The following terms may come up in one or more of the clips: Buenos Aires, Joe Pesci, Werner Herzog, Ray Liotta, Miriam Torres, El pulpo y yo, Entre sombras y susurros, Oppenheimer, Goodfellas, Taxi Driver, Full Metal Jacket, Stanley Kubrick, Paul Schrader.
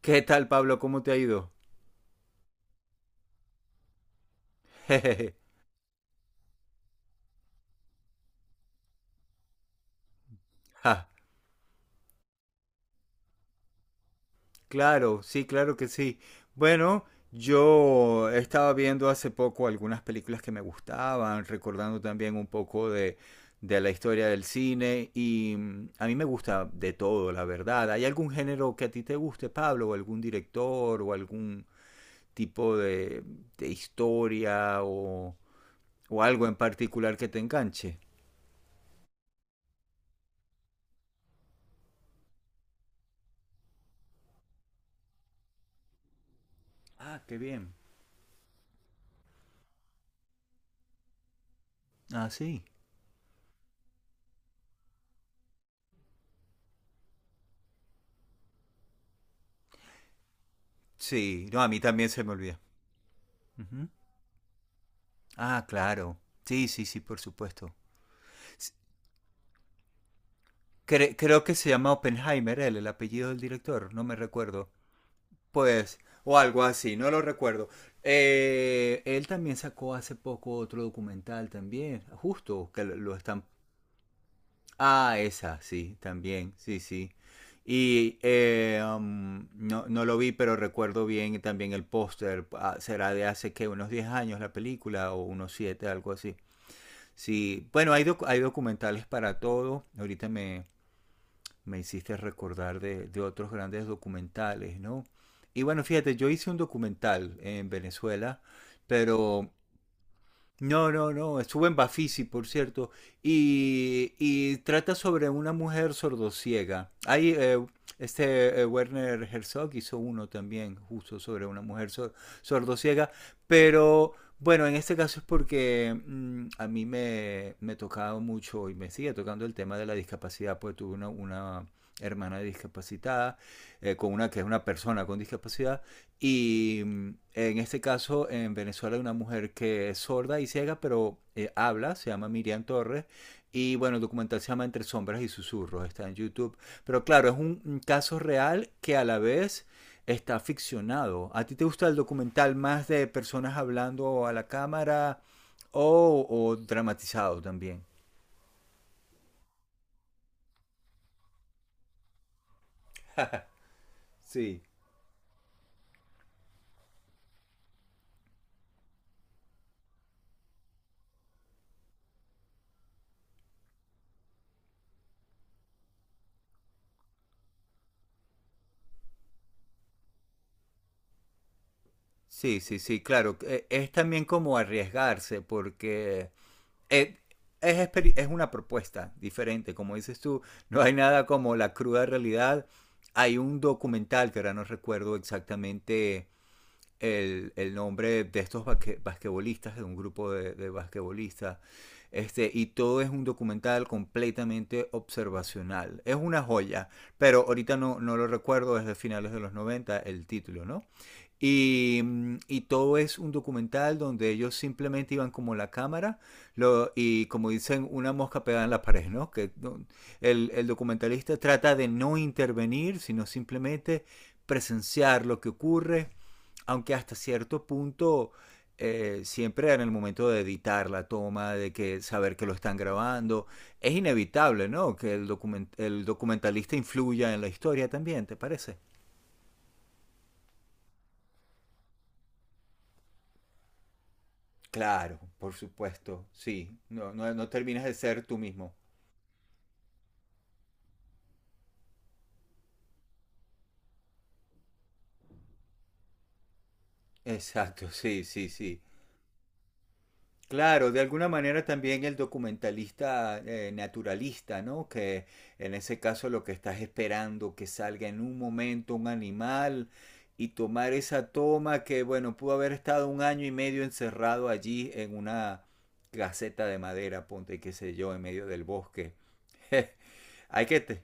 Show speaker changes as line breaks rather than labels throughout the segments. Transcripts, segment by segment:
¿Qué tal, Pablo? ¿Cómo te ha ido? Jejeje. Ja, claro, sí, claro que sí. Bueno, yo estaba viendo hace poco algunas películas que me gustaban, recordando también un poco de la historia del cine y, a mí me gusta de todo, la verdad. ¿Hay algún género que a ti te guste, Pablo? ¿O algún director o algún tipo de historia o algo en particular que te enganche? Ah, qué bien. Ah, sí. Sí, no, a mí también se me olvida. Ujú. Ah, claro. Sí, sí, sí, por supuesto. S- Creo que se llama Oppenheimer, el apellido del director, no me recuerdo. Pues, o algo así, no lo recuerdo. Él también sacó hace poco otro documental también, justo, que lo están... Ah, esa, sí, también, sí, sí. Y no, no lo vi, pero recuerdo bien también el póster. Ah, será de hace qué, unos 10 años la película o unos 7, algo así. Sí, bueno, hay documentales para todo. Ahorita me hiciste recordar de otros grandes documentales, ¿no? Y bueno, fíjate, yo hice un documental en Venezuela, pero no, no, no, estuvo en Bafisi, por cierto, y trata sobre una mujer sordociega. Este Werner Herzog hizo uno también, justo sobre una mujer sordociega, pero bueno, en este caso es porque a mí me tocaba mucho y me sigue tocando el tema de la discapacidad, pues tuve una hermana discapacitada, con una que es una persona con discapacidad, y en este caso, en Venezuela hay una mujer que es sorda y ciega, pero habla, se llama Miriam Torres. Y bueno, el documental se llama Entre sombras y susurros, está en YouTube. Pero claro, es un caso real que a la vez está ficcionado. ¿A ti te gusta el documental más de personas hablando a la cámara o dramatizado también? Sí. Sí, sí, sí, claro, que es también como arriesgarse porque eh, es, es una propuesta diferente, como dices tú, no hay nada como la cruda realidad. Hay un documental que ahora no recuerdo exactamente el nombre de estos basquetbolistas, de un grupo de basquetbolistas, este, y todo es un documental completamente observacional. Es una joya, pero ahorita no, no lo recuerdo desde finales de los 90 el título, ¿no? Y todo es un documental donde ellos simplemente iban como la cámara y como dicen, una mosca pegada en la pared, ¿no? Que el documentalista trata de no intervenir, sino simplemente presenciar lo que ocurre, aunque hasta cierto punto siempre en el momento de editar la toma, de que saber que lo están grabando, es inevitable, ¿no? Que el documentalista influya en la historia también, ¿te parece? Claro, por supuesto, sí. No, no, no terminas de ser tú mismo. Exacto, sí, sí, sí. Claro, de alguna manera también el documentalista naturalista, ¿no? Que en ese caso lo que estás esperando que salga en un momento un animal y tomar esa toma que, bueno, pudo haber estado un año y medio encerrado allí en una caseta de madera, ponte qué sé yo, en medio del bosque. Hay que te-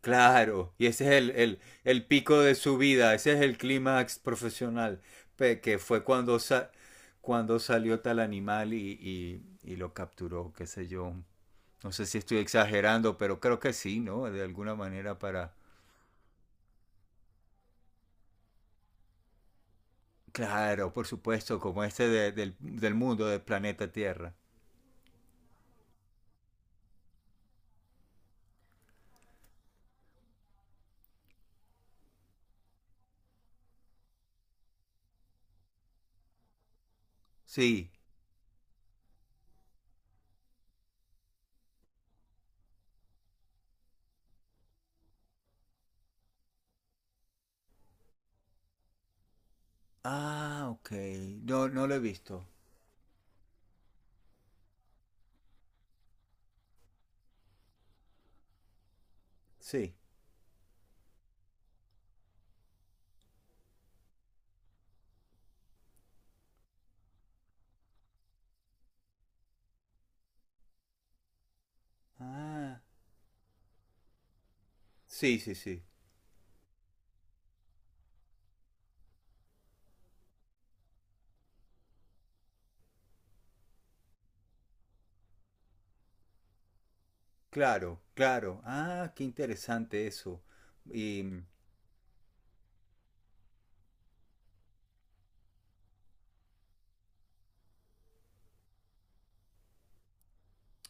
Claro, y ese es el pico de su vida, ese es el clímax profesional, que fue cuando, cuando salió tal animal y lo capturó, qué sé yo. No sé si estoy exagerando, pero creo que sí, ¿no? De alguna manera para... Claro, por supuesto, como este del mundo, del planeta Tierra. Sí. Ah, ok. No, no lo he visto. Sí. Ah. Sí, sí, sí. Claro, claro. Ah, qué interesante eso. Y,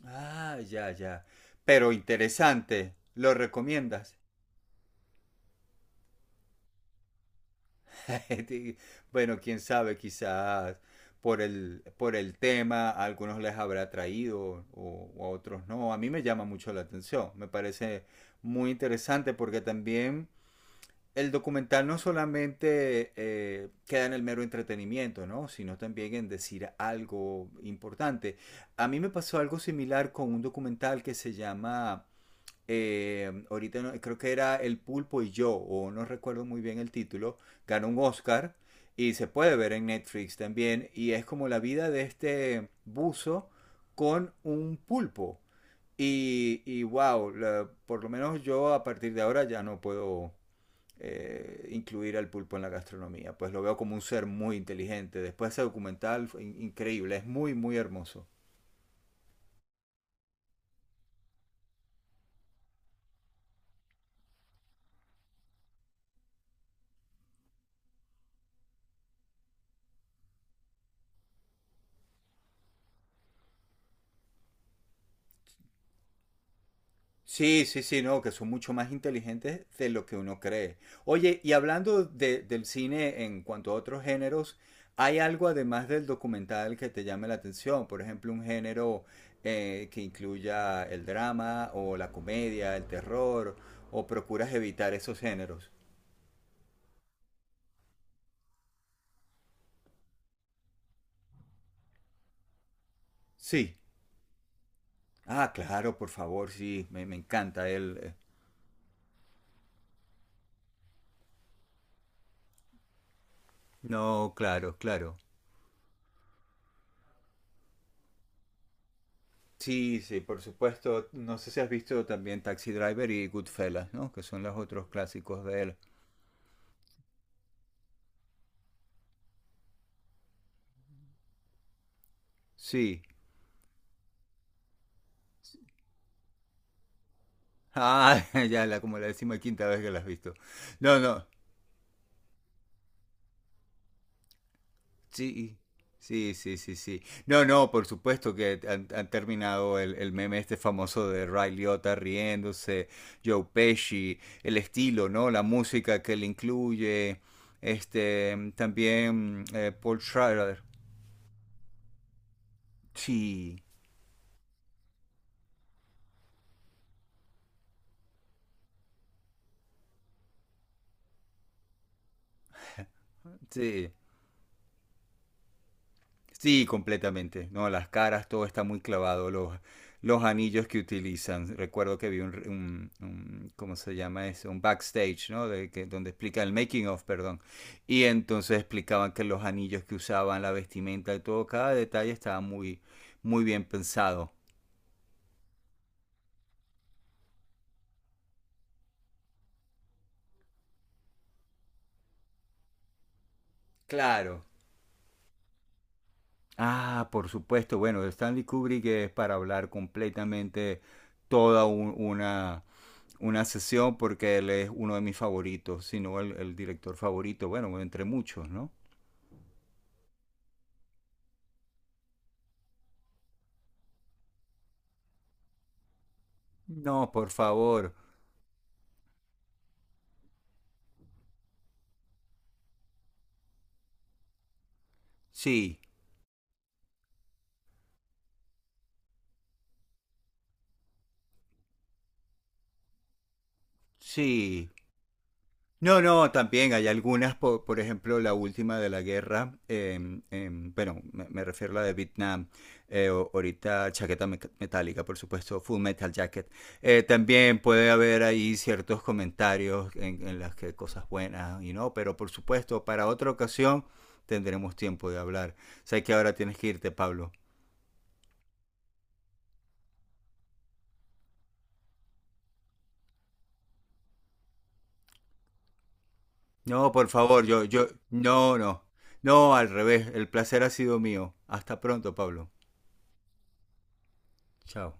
ah, ya, ya. Pero interesante. ¿Lo recomiendas? Di- Bueno, quién sabe, quizás por el tema a algunos les habrá atraído o a otros no. A mí me llama mucho la atención. Me parece muy interesante porque también el documental no solamente queda en el mero entretenimiento, ¿no? Sino también en decir algo importante. A mí me pasó algo similar con un documental que se llama, ahorita no- creo que era El pulpo y yo, o no recuerdo muy bien el título, ganó un Oscar y se puede ver en Netflix también, y es como la vida de este buzo con un pulpo. Y, wow, por lo menos yo a partir de ahora ya no puedo incluir al pulpo en la gastronomía. Pues lo veo como un ser muy inteligente. Después ese documental, fue increíble, es muy, muy hermoso. Sí, sí, sí, no, que son mucho más inteligentes de lo que uno cree. Oye, y hablando del cine en cuanto a otros géneros, ¿hay algo además del documental que te llame la atención? Por ejemplo, un género que incluya el drama o la comedia, el terror, o procuras evitar esos géneros. Sí. Ah, claro, por favor, sí, me encanta él. No, claro, claro. Sí, sí, por supuesto. No sé si has visto también Taxi Driver y Goodfellas, ¿no? Que son los otros clásicos de él. Sí. Ah, ya, como la 15.ª vez que la has visto. No, no. Sí, sí, sí, sí, sí. No, no, por supuesto que han terminado el meme este famoso de Ray Liotta riéndose, Joe Pesci, el estilo, ¿no? La música que le incluye, este, también Paul Schrader. Sí, sí. Sí, completamente. No, las caras, todo está muy clavado, los anillos que utilizan. Recuerdo que vi, ¿cómo se llama eso? Un backstage, ¿no? Donde explican el making of, perdón. Y entonces explicaban que los anillos que usaban, la vestimenta y todo, cada detalle estaba muy, muy bien pensado. Claro. Ah, por supuesto. Bueno, Stanley Kubrick es para hablar completamente toda una sesión porque él es uno de mis favoritos, si no el director favorito, bueno, entre muchos, ¿no? No, por favor. Sí, sí. No, no, también hay algunas, por ejemplo, la última de la guerra, bueno, me refiero a la de Vietnam, ahorita chaqueta metálica, por supuesto, Full Metal Jacket. También puede haber ahí ciertos comentarios en las que cosas buenas y no, pero por supuesto, para otra ocasión tendremos tiempo de hablar. Sé que ahora tienes que irte, Pablo. No, por favor, yo, no, no, no, al revés, el placer ha sido mío. Hasta pronto, Pablo. Chao.